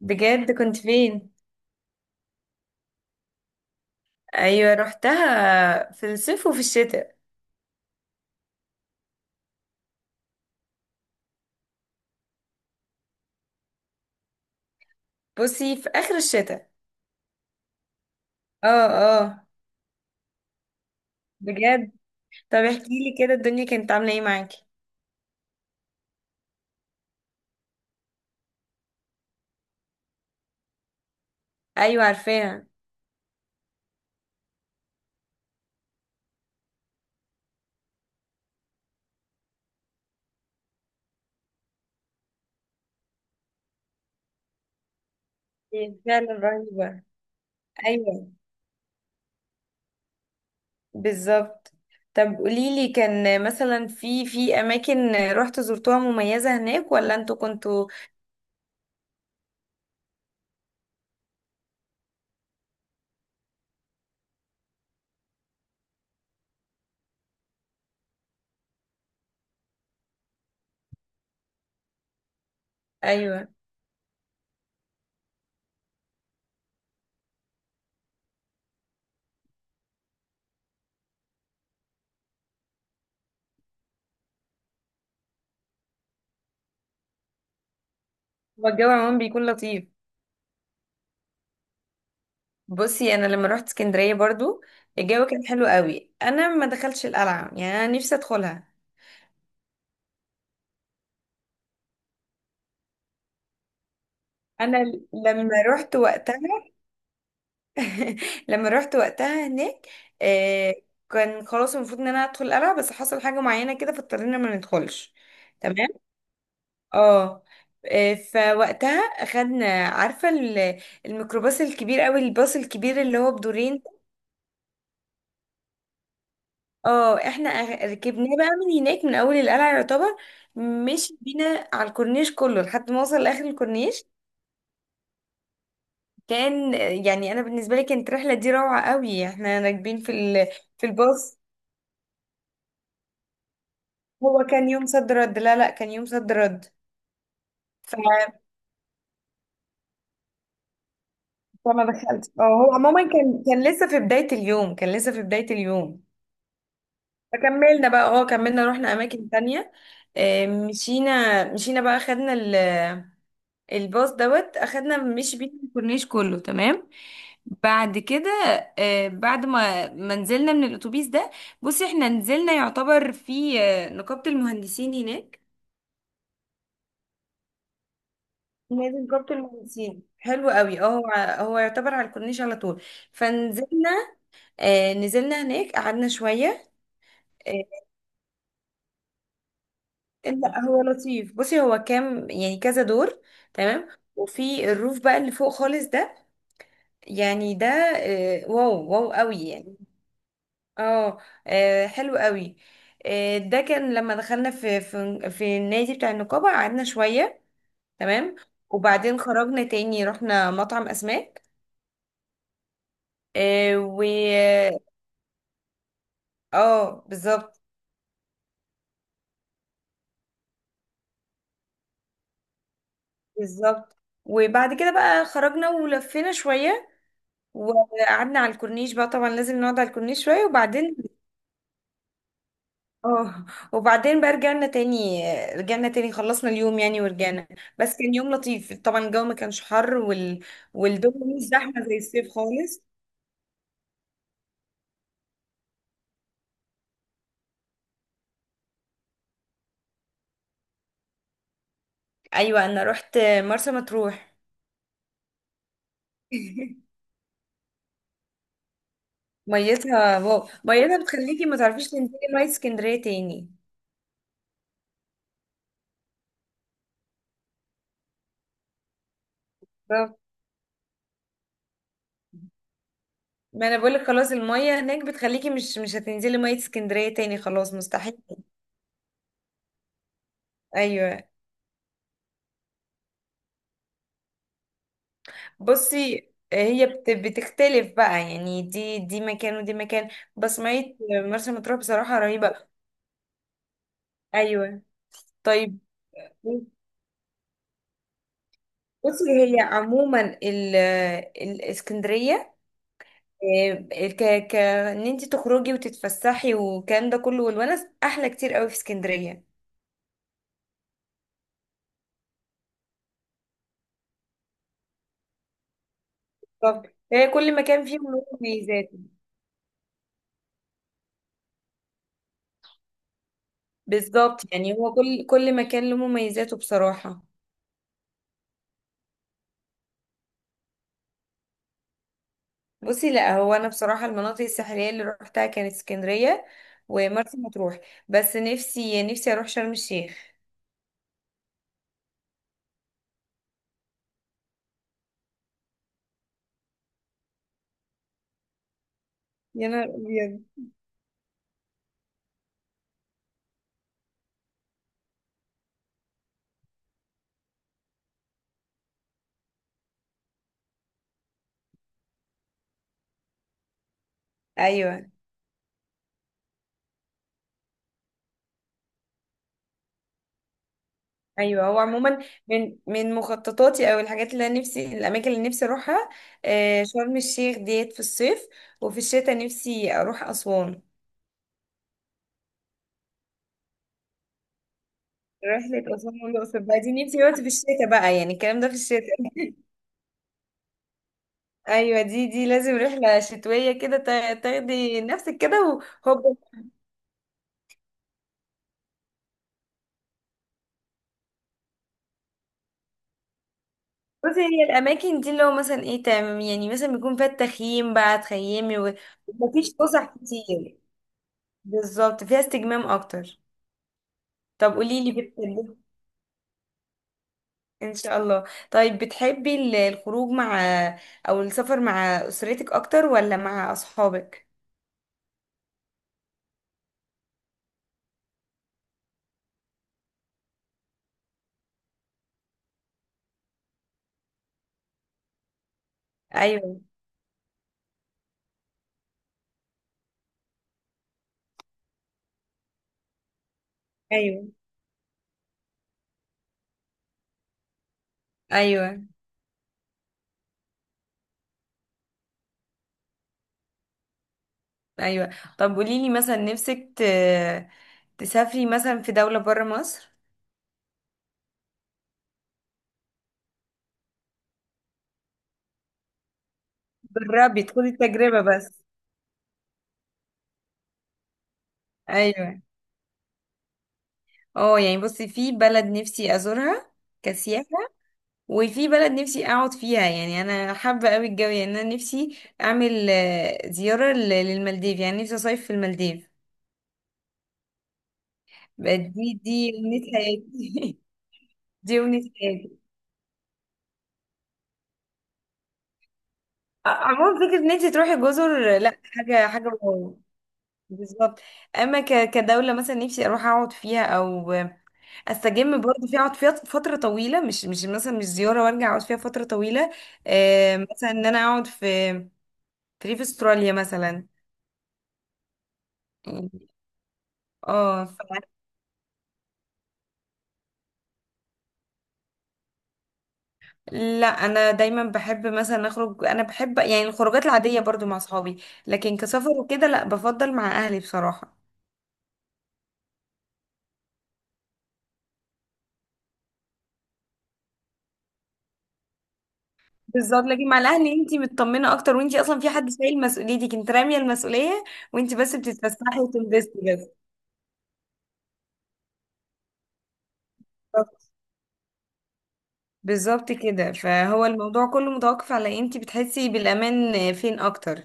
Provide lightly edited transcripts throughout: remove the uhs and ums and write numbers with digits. بجد كنت فين؟ ايوه، رحتها في الصيف وفي الشتاء. بصي، في اخر الشتاء. اه، اه. بجد. طب احكي لي كده، الدنيا كانت عامله ايه معاكي؟ ايوه عارفاها. هي فعلا رهيبه. ايوه بالظبط. طب قولي لي، كان مثلا في اماكن رحت زرتوها مميزه هناك ولا انتوا كنتوا... ايوه. هو الجو عموما بيكون لطيف. بصي، انا لما رحت اسكندريه برضو الجو كان حلو قوي. انا ما دخلتش القلعه، يعني انا نفسي ادخلها. انا لما رحت وقتها لما رحت وقتها هناك. آه. كان خلاص المفروض ان انا ادخل القلعه، بس حصل حاجه معينه كده فاضطرينا ما ندخلش. تمام. اه. فوقتها اخدنا، عارفه، الميكروباص الكبير قوي، الباص الكبير اللي هو بدورين. اه، احنا ركبناه بقى من هناك، من اول القلعه يعتبر. مشي بينا على الكورنيش كله لحد ما وصل لاخر الكورنيش. كان يعني انا بالنسبه لي كانت الرحله دي روعه قوي. احنا راكبين في في الباص. هو كان يوم صد رد. لا لا، كان يوم صد رد. ف... فما دخلت. اه، هو عموما كان لسه في بداية اليوم، كان لسه في بداية اليوم. فكملنا بقى. اه، كملنا رحنا أماكن تانية. مشينا بقى، أخدنا الباص دوت. أخدنا مش بيه الكورنيش كله، تمام. بعد كده، بعد ما نزلنا من الأتوبيس ده. بصي، احنا نزلنا يعتبر في نقابة المهندسين هناك. نادي نقابة المهندسين حلو قوي. اه، هو يعتبر على الكورنيش على طول. فنزلنا. آه، نزلنا هناك، قعدنا شوية. آه. لا هو لطيف. بصي هو كام، يعني كذا دور. تمام. وفي الروف بقى اللي فوق خالص ده، يعني ده، واو واو قوي يعني. اه. حلو قوي. آه، ده كان لما دخلنا في النادي بتاع النقابة، قعدنا شوية. تمام. وبعدين خرجنا تاني، رحنا مطعم أسماك. آه، و... اه بالظبط. بالظبط. وبعد كده بقى خرجنا، ولفينا شوية. وقعدنا على الكورنيش بقى. طبعا لازم نقعد على الكورنيش شوية، وبعدين، اه، وبعدين بقى رجعنا تاني. رجعنا تاني، خلصنا اليوم يعني ورجعنا. بس كان يوم لطيف. طبعا الجو ما كانش حر، والدنيا مش زحمة زي الصيف خالص. ايوه، انا رحت مرسى مطروح. ميتها واو! ميتها بتخليكي ما تعرفيش تنزلي مية اسكندرية تاني. ما انا بقولك، خلاص المية هناك بتخليكي مش هتنزلي مية اسكندرية تاني، خلاص مستحيل. ايوه. بصي، هي بتختلف بقى يعني. دي مكان ودي مكان. بس مية مرسى مطروح بصراحة رهيبة. ايوه. طيب. بصي، هي عموما الاسكندرية، ك ك ان انت تخرجي وتتفسحي والكلام ده كله، والونس احلى كتير قوي في اسكندرية. طب، هي كل مكان فيهم له مميزات. بالظبط، يعني هو كل مكان له مميزاته بصراحة. بصي، لا هو انا بصراحة المناطق الساحلية اللي روحتها كانت اسكندرية ومرسى مطروح. بس نفسي اروح شرم الشيخ. يا نهار أبيض! ايوه، ايوه. هو عموما، من مخططاتي، او الحاجات اللي انا نفسي، الاماكن اللي نفسي اروحها، شرم الشيخ ديت في الصيف. وفي الشتاء نفسي اروح اسوان. رحلة أسوان والأقصر بقى دي نفسي وقت في الشتاء بقى، يعني الكلام ده في الشتاء. ايوه، دي لازم رحله شتويه كده، تاخدي نفسك كده وهوب. بصي، هي الاماكن دي اللي هو مثلا ايه، تمام، يعني مثلا بيكون فيها التخييم بقى، تخيمي و... ومفيش فسح كتير. بالظبط، فيها استجمام اكتر. طب قولي لي، بتحبي... ان شاء الله. طيب، بتحبي الخروج مع، او السفر مع اسرتك اكتر ولا مع اصحابك؟ ايوه. ايوه. ايوه. ايوه. طب قولي لي مثلا، نفسك تسافري مثلا في دوله بره مصر؟ جربي خدي التجربة بس. ايوه. اه يعني، بصي في بلد نفسي ازورها كسياحة. وفي بلد نفسي اقعد فيها، يعني انا حابة قوي الجو. يعني انا نفسي اعمل زيارة للمالديف. يعني نفسي اصيف في المالديف. بقى دي امنية حياتي. دي امنية حياتي. عموما فكرة ان انت تروحي جزر، لا، حاجة حاجة واو. بالظبط. اما كدوله مثلا نفسي اروح اقعد فيها، او استجم برضه فيها، اقعد فيها فتره طويله، مش مثلا مش زياره وارجع، اقعد فيها فتره طويله. مثلا ان انا اقعد في ريف استراليا مثلا. اه، لا انا دايما بحب مثلا اخرج. انا بحب يعني الخروجات العاديه برضو مع اصحابي، لكن كسفر وكده لا، بفضل مع اهلي بصراحه. بالظبط. لكن مع الاهل انتي مطمنه اكتر، وانتي اصلا في حد شايل مسؤوليتك، انت راميه المسؤوليه وانتي بس بتتفسحي وتنبسطي بس. بالظبط، بالظبط كده. فهو الموضوع كله متوقف على انتي بتحسي بالامان فين اكتر.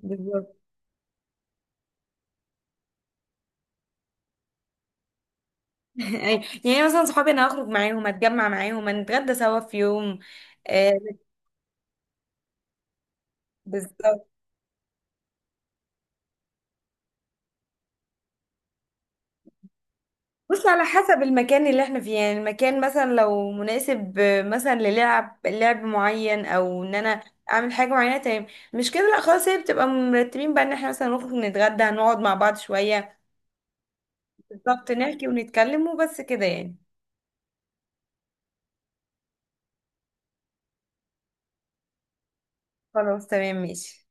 بالظبط. يعني مثلا صحابي انا هخرج معاهم، اتجمع معاهم، هنتغدى سوا في يوم. آه. بالظبط. بص، على حسب المكان اللي احنا فيه. يعني المكان مثلا لو مناسب مثلا للعب لعب معين، او ان انا اعمل حاجه معينه، تمام. مش كده لا، خلاص هي بتبقى مرتبين بقى، ان احنا مثلا نخرج نتغدى، هنقعد مع بعض شويه. بالظبط، نحكي ونتكلم وبس كده يعني. خلاص تمام ماشي.